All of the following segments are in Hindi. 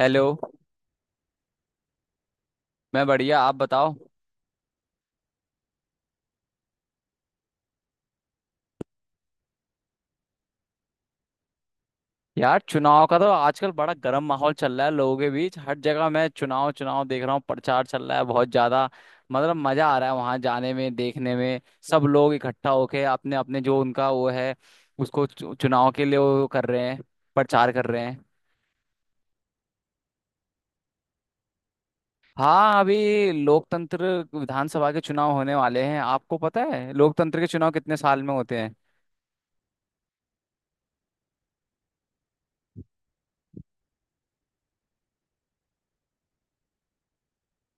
हेलो। मैं बढ़िया, आप बताओ। यार, चुनाव का तो आजकल बड़ा गर्म माहौल चल रहा है लोगों के बीच। हर जगह मैं चुनाव चुनाव देख रहा हूँ, प्रचार चल रहा है बहुत ज्यादा। मतलब मजा आ रहा है वहां जाने में, देखने में। सब लोग इकट्ठा होके अपने अपने जो उनका वो है उसको चुनाव के लिए वो कर रहे हैं, प्रचार कर रहे हैं। हाँ, अभी लोकतंत्र विधानसभा के चुनाव होने वाले हैं। आपको पता है लोकतंत्र के चुनाव कितने साल में होते हैं?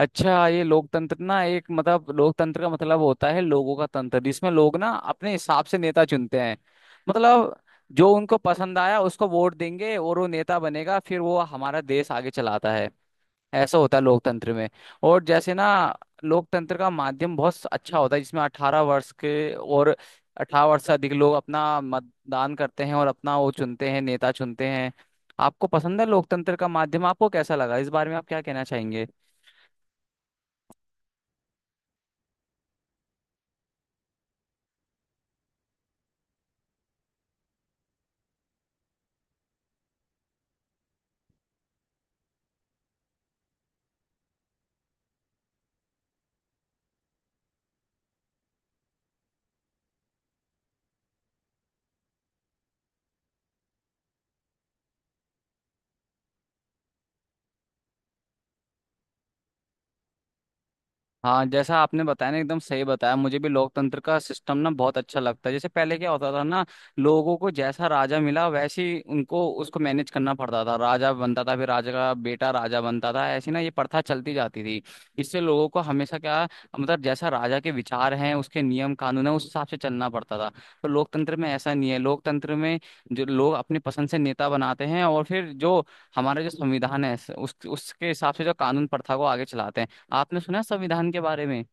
अच्छा, ये लोकतंत्र ना एक मतलब लोकतंत्र का मतलब होता है लोगों का तंत्र, जिसमें लोग ना अपने हिसाब से नेता चुनते हैं। मतलब जो उनको पसंद आया उसको वोट देंगे और वो नेता बनेगा, फिर वो हमारा देश आगे चलाता है। ऐसा होता है लोकतंत्र में। और जैसे ना, लोकतंत्र का माध्यम बहुत अच्छा होता है जिसमें 18 वर्ष के और 18 वर्ष से अधिक लोग अपना मतदान करते हैं और अपना वो चुनते हैं, नेता चुनते हैं। आपको पसंद है लोकतंत्र का माध्यम? आपको कैसा लगा, इस बारे में आप क्या कहना चाहेंगे? हाँ जैसा आपने बताया ना, एकदम सही बताया। मुझे भी लोकतंत्र का सिस्टम ना बहुत अच्छा लगता है। जैसे पहले क्या होता था ना, लोगों को जैसा राजा मिला वैसी उनको उसको मैनेज करना पड़ता था। राजा बनता था, फिर राजा का बेटा राजा बनता था, ऐसी ना ये प्रथा चलती जाती थी। इससे लोगों को हमेशा क्या, मतलब जैसा राजा के विचार हैं, उसके नियम कानून है, उस हिसाब से चलना पड़ता था। तो लोकतंत्र में ऐसा नहीं है। लोकतंत्र में जो लोग अपनी पसंद से नेता बनाते हैं, और फिर जो हमारा जो संविधान है उस उसके हिसाब से जो कानून प्रथा को आगे चलाते हैं। आपने सुना है संविधान के बारे में?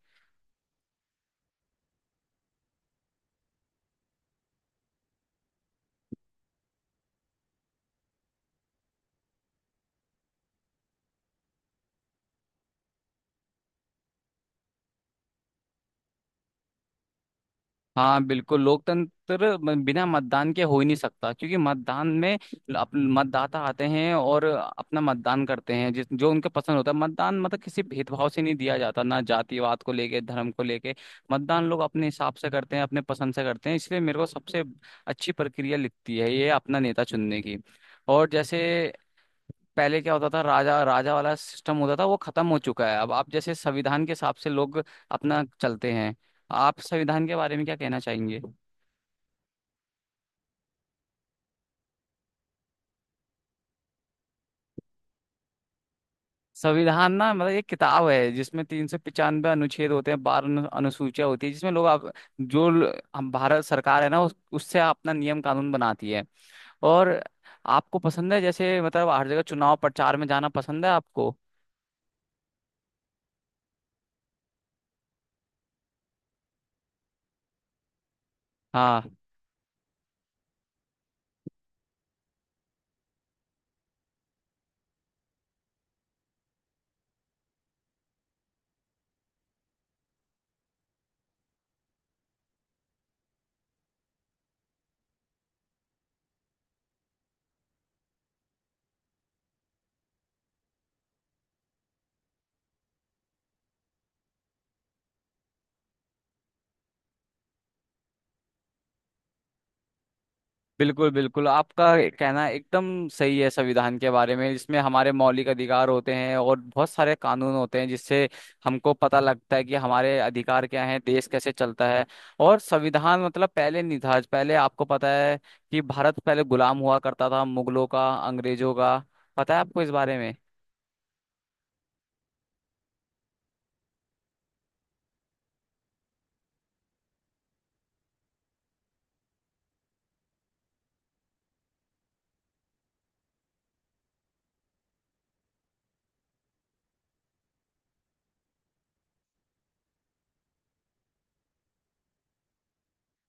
हाँ बिल्कुल, लोकतंत्र बिना मतदान के हो ही नहीं सकता, क्योंकि मतदान में मतदाता आते हैं और अपना मतदान करते हैं जिस जो उनके पसंद होता है। मतदान मतलब किसी भेदभाव से नहीं दिया जाता ना, जातिवाद को लेके, धर्म को लेके। मतदान लोग अपने हिसाब से करते हैं, अपने पसंद से करते हैं। इसलिए मेरे को सबसे अच्छी प्रक्रिया लिखती है ये, अपना नेता चुनने की। और जैसे पहले क्या होता था, राजा राजा वाला सिस्टम होता था, वो खत्म हो चुका है। अब आप जैसे संविधान के हिसाब से लोग अपना चलते हैं। आप संविधान के बारे में क्या कहना चाहेंगे? संविधान ना मतलब एक किताब है जिसमें 395 अनुच्छेद होते हैं, 12 अनुसूचियां होती है, जिसमें लोग आप जो हम भारत सरकार है ना उससे अपना नियम कानून बनाती है। और आपको पसंद है जैसे मतलब हर जगह चुनाव प्रचार में जाना पसंद है आपको? हाँ, बिल्कुल बिल्कुल, आपका कहना एकदम सही है। संविधान के बारे में, इसमें हमारे मौलिक अधिकार होते हैं और बहुत सारे कानून होते हैं जिससे हमको पता लगता है कि हमारे अधिकार क्या हैं, देश कैसे चलता है। और संविधान मतलब पहले नहीं था। पहले आपको पता है कि भारत पहले गुलाम हुआ करता था, मुगलों का, अंग्रेजों का। पता है आपको इस बारे में?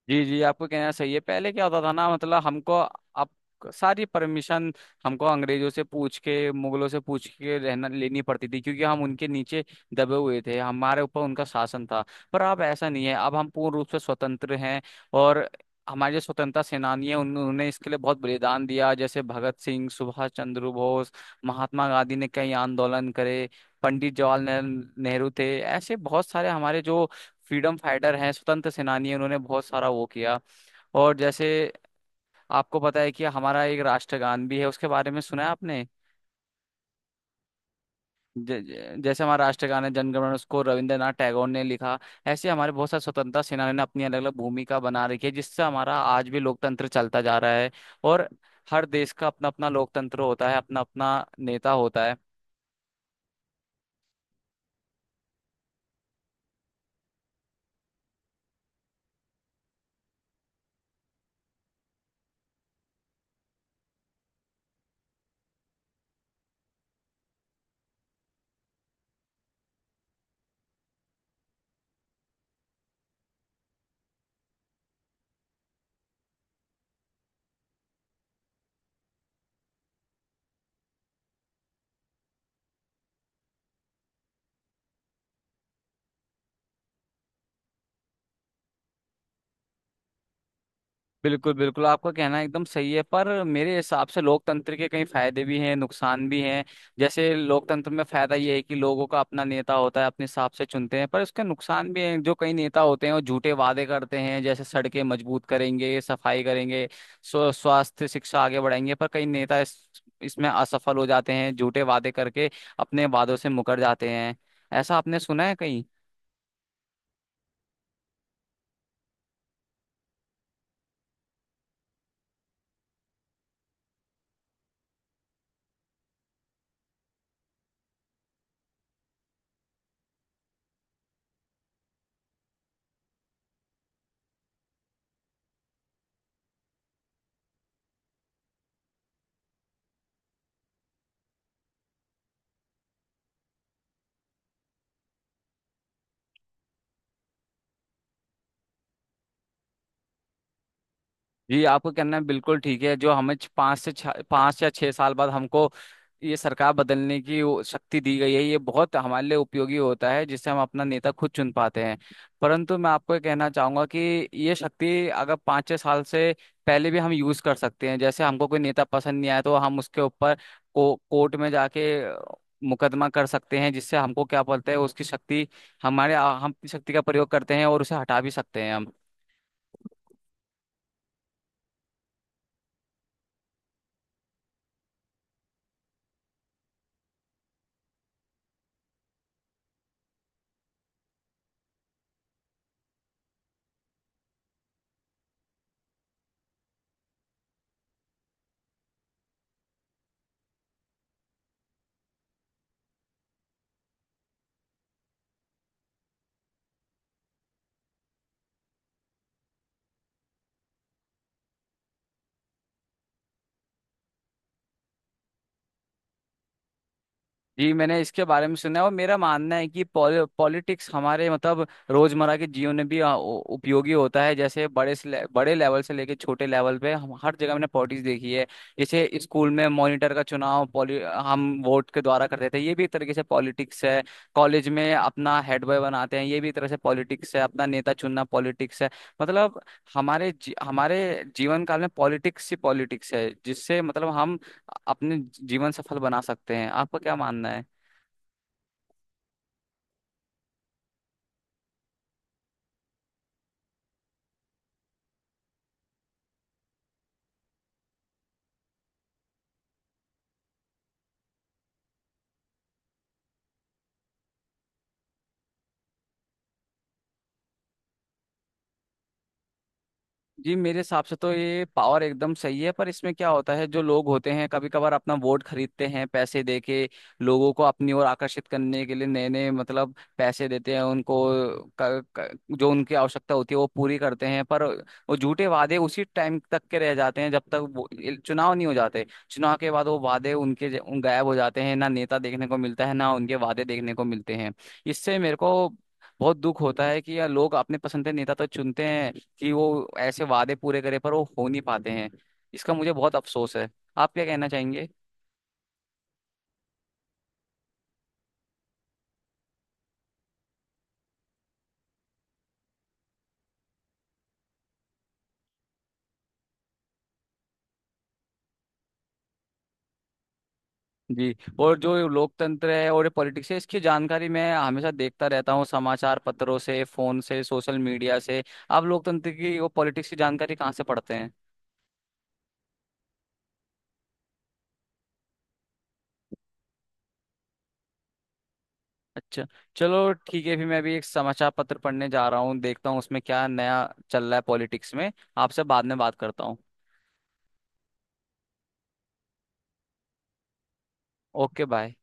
जी जी, आपको कहना सही है। पहले क्या होता था ना, मतलब हमको अब सारी परमिशन हमको अंग्रेजों से पूछ के, मुगलों से पूछ के रहना लेनी पड़ती थी, क्योंकि हम उनके नीचे दबे हुए थे, हमारे ऊपर उनका शासन था। पर अब ऐसा नहीं है, अब हम पूर्ण रूप से स्वतंत्र हैं। और हमारे जो स्वतंत्रता सेनानी हैं उन्होंने इसके लिए बहुत बलिदान दिया, जैसे भगत सिंह, सुभाष चंद्र बोस, महात्मा गांधी ने कई आंदोलन करे, पंडित जवाहरलाल नेहरू थे। ऐसे बहुत सारे हमारे जो फ्रीडम फाइटर हैं, स्वतंत्र सेनानी हैं, उन्होंने बहुत सारा वो किया। और जैसे आपको पता है कि हमारा एक राष्ट्रगान भी है, उसके बारे में सुना है आपने? ज, ज- जैसे हमारा राष्ट्रगान है जनगणमन, उसको रविंद्रनाथ टैगोर ने लिखा। ऐसे हमारे बहुत सारे स्वतंत्रता सेनानियों ने अपनी अलग अलग भूमिका बना रखी है जिससे हमारा आज भी लोकतंत्र चलता जा रहा है। और हर देश का अपना अपना लोकतंत्र होता है, अपना अपना नेता होता है। बिल्कुल बिल्कुल, आपका कहना एकदम सही है। पर मेरे हिसाब से लोकतंत्र के कई फायदे भी हैं, नुकसान भी हैं। जैसे लोकतंत्र में फायदा ये है कि लोगों का अपना नेता होता है, अपने हिसाब से चुनते हैं। पर उसके नुकसान भी हैं, जो कई नेता होते हैं वो झूठे वादे करते हैं, जैसे सड़कें मजबूत करेंगे, सफाई करेंगे, स्वास्थ्य शिक्षा आगे बढ़ाएंगे। पर कई नेता इसमें असफल हो जाते हैं, झूठे वादे करके अपने वादों से मुकर जाते हैं। ऐसा आपने सुना है कहीं? जी आपका कहना है बिल्कुल ठीक है। जो हमें 5 से 6, 5 या 6 साल बाद हमको ये सरकार बदलने की वो शक्ति दी गई है, ये बहुत हमारे लिए उपयोगी होता है जिससे हम अपना नेता खुद चुन पाते हैं। परंतु मैं आपको ये कहना चाहूंगा कि ये शक्ति अगर 5-6 साल से पहले भी हम यूज कर सकते हैं। जैसे हमको कोई नेता पसंद नहीं आया तो हम उसके ऊपर कोर्ट में जाके मुकदमा कर सकते हैं, जिससे हमको क्या बोलते हैं उसकी शक्ति, हमारे हम अपनी शक्ति का प्रयोग करते हैं और उसे हटा भी सकते हैं हम। जी मैंने इसके बारे में सुना है। और मेरा मानना है कि पॉलिटिक्स हमारे मतलब रोजमर्रा के जीवन में भी उपयोगी होता है। जैसे बड़े लेवल से लेके छोटे लेवल पे हम हर जगह मैंने पॉलिटिक्स देखी है। जैसे स्कूल में मॉनिटर का चुनाव पॉलि हम वोट के द्वारा करते थे, ये भी एक तरीके से पॉलिटिक्स है। कॉलेज में अपना हेड बॉय बनाते हैं, ये भी एक तरह से पॉलिटिक्स है। अपना नेता चुनना पॉलिटिक्स है। मतलब हमारे हमारे जीवन काल में पॉलिटिक्स ही पॉलिटिक्स है, जिससे मतलब हम अपने जीवन सफल बना सकते हैं। आपका क्या मानना? जी मेरे हिसाब से तो ये पावर एकदम सही है, पर इसमें क्या होता है जो लोग होते हैं कभी कभार अपना वोट खरीदते हैं, पैसे देके लोगों को अपनी ओर आकर्षित करने के लिए नए नए मतलब पैसे देते हैं उनको। क, क, जो उनकी आवश्यकता होती है वो पूरी करते हैं, पर वो झूठे वादे उसी टाइम तक के रह जाते हैं जब तक वो चुनाव नहीं हो जाते। चुनाव के बाद वो वादे उनके उन गायब हो जाते हैं, ना नेता देखने को मिलता है ना उनके वादे देखने को मिलते हैं। इससे मेरे को बहुत दुख होता है कि यार लोग अपने पसंद के नेता तो चुनते हैं कि वो ऐसे वादे पूरे करे, पर वो हो नहीं पाते हैं। इसका मुझे बहुत अफसोस है। आप क्या कहना चाहेंगे? जी। और जो लोकतंत्र है और ये पॉलिटिक्स है, इसकी जानकारी मैं हमेशा देखता रहता हूँ समाचार पत्रों से, फोन से, सोशल मीडिया से। आप लोकतंत्र की वो पॉलिटिक्स की जानकारी कहाँ से पढ़ते हैं? अच्छा, चलो ठीक है। फिर मैं अभी एक समाचार पत्र पढ़ने जा रहा हूँ, देखता हूँ उसमें क्या नया चल रहा है पॉलिटिक्स में। आपसे बाद में बात करता हूँ। Okay bye.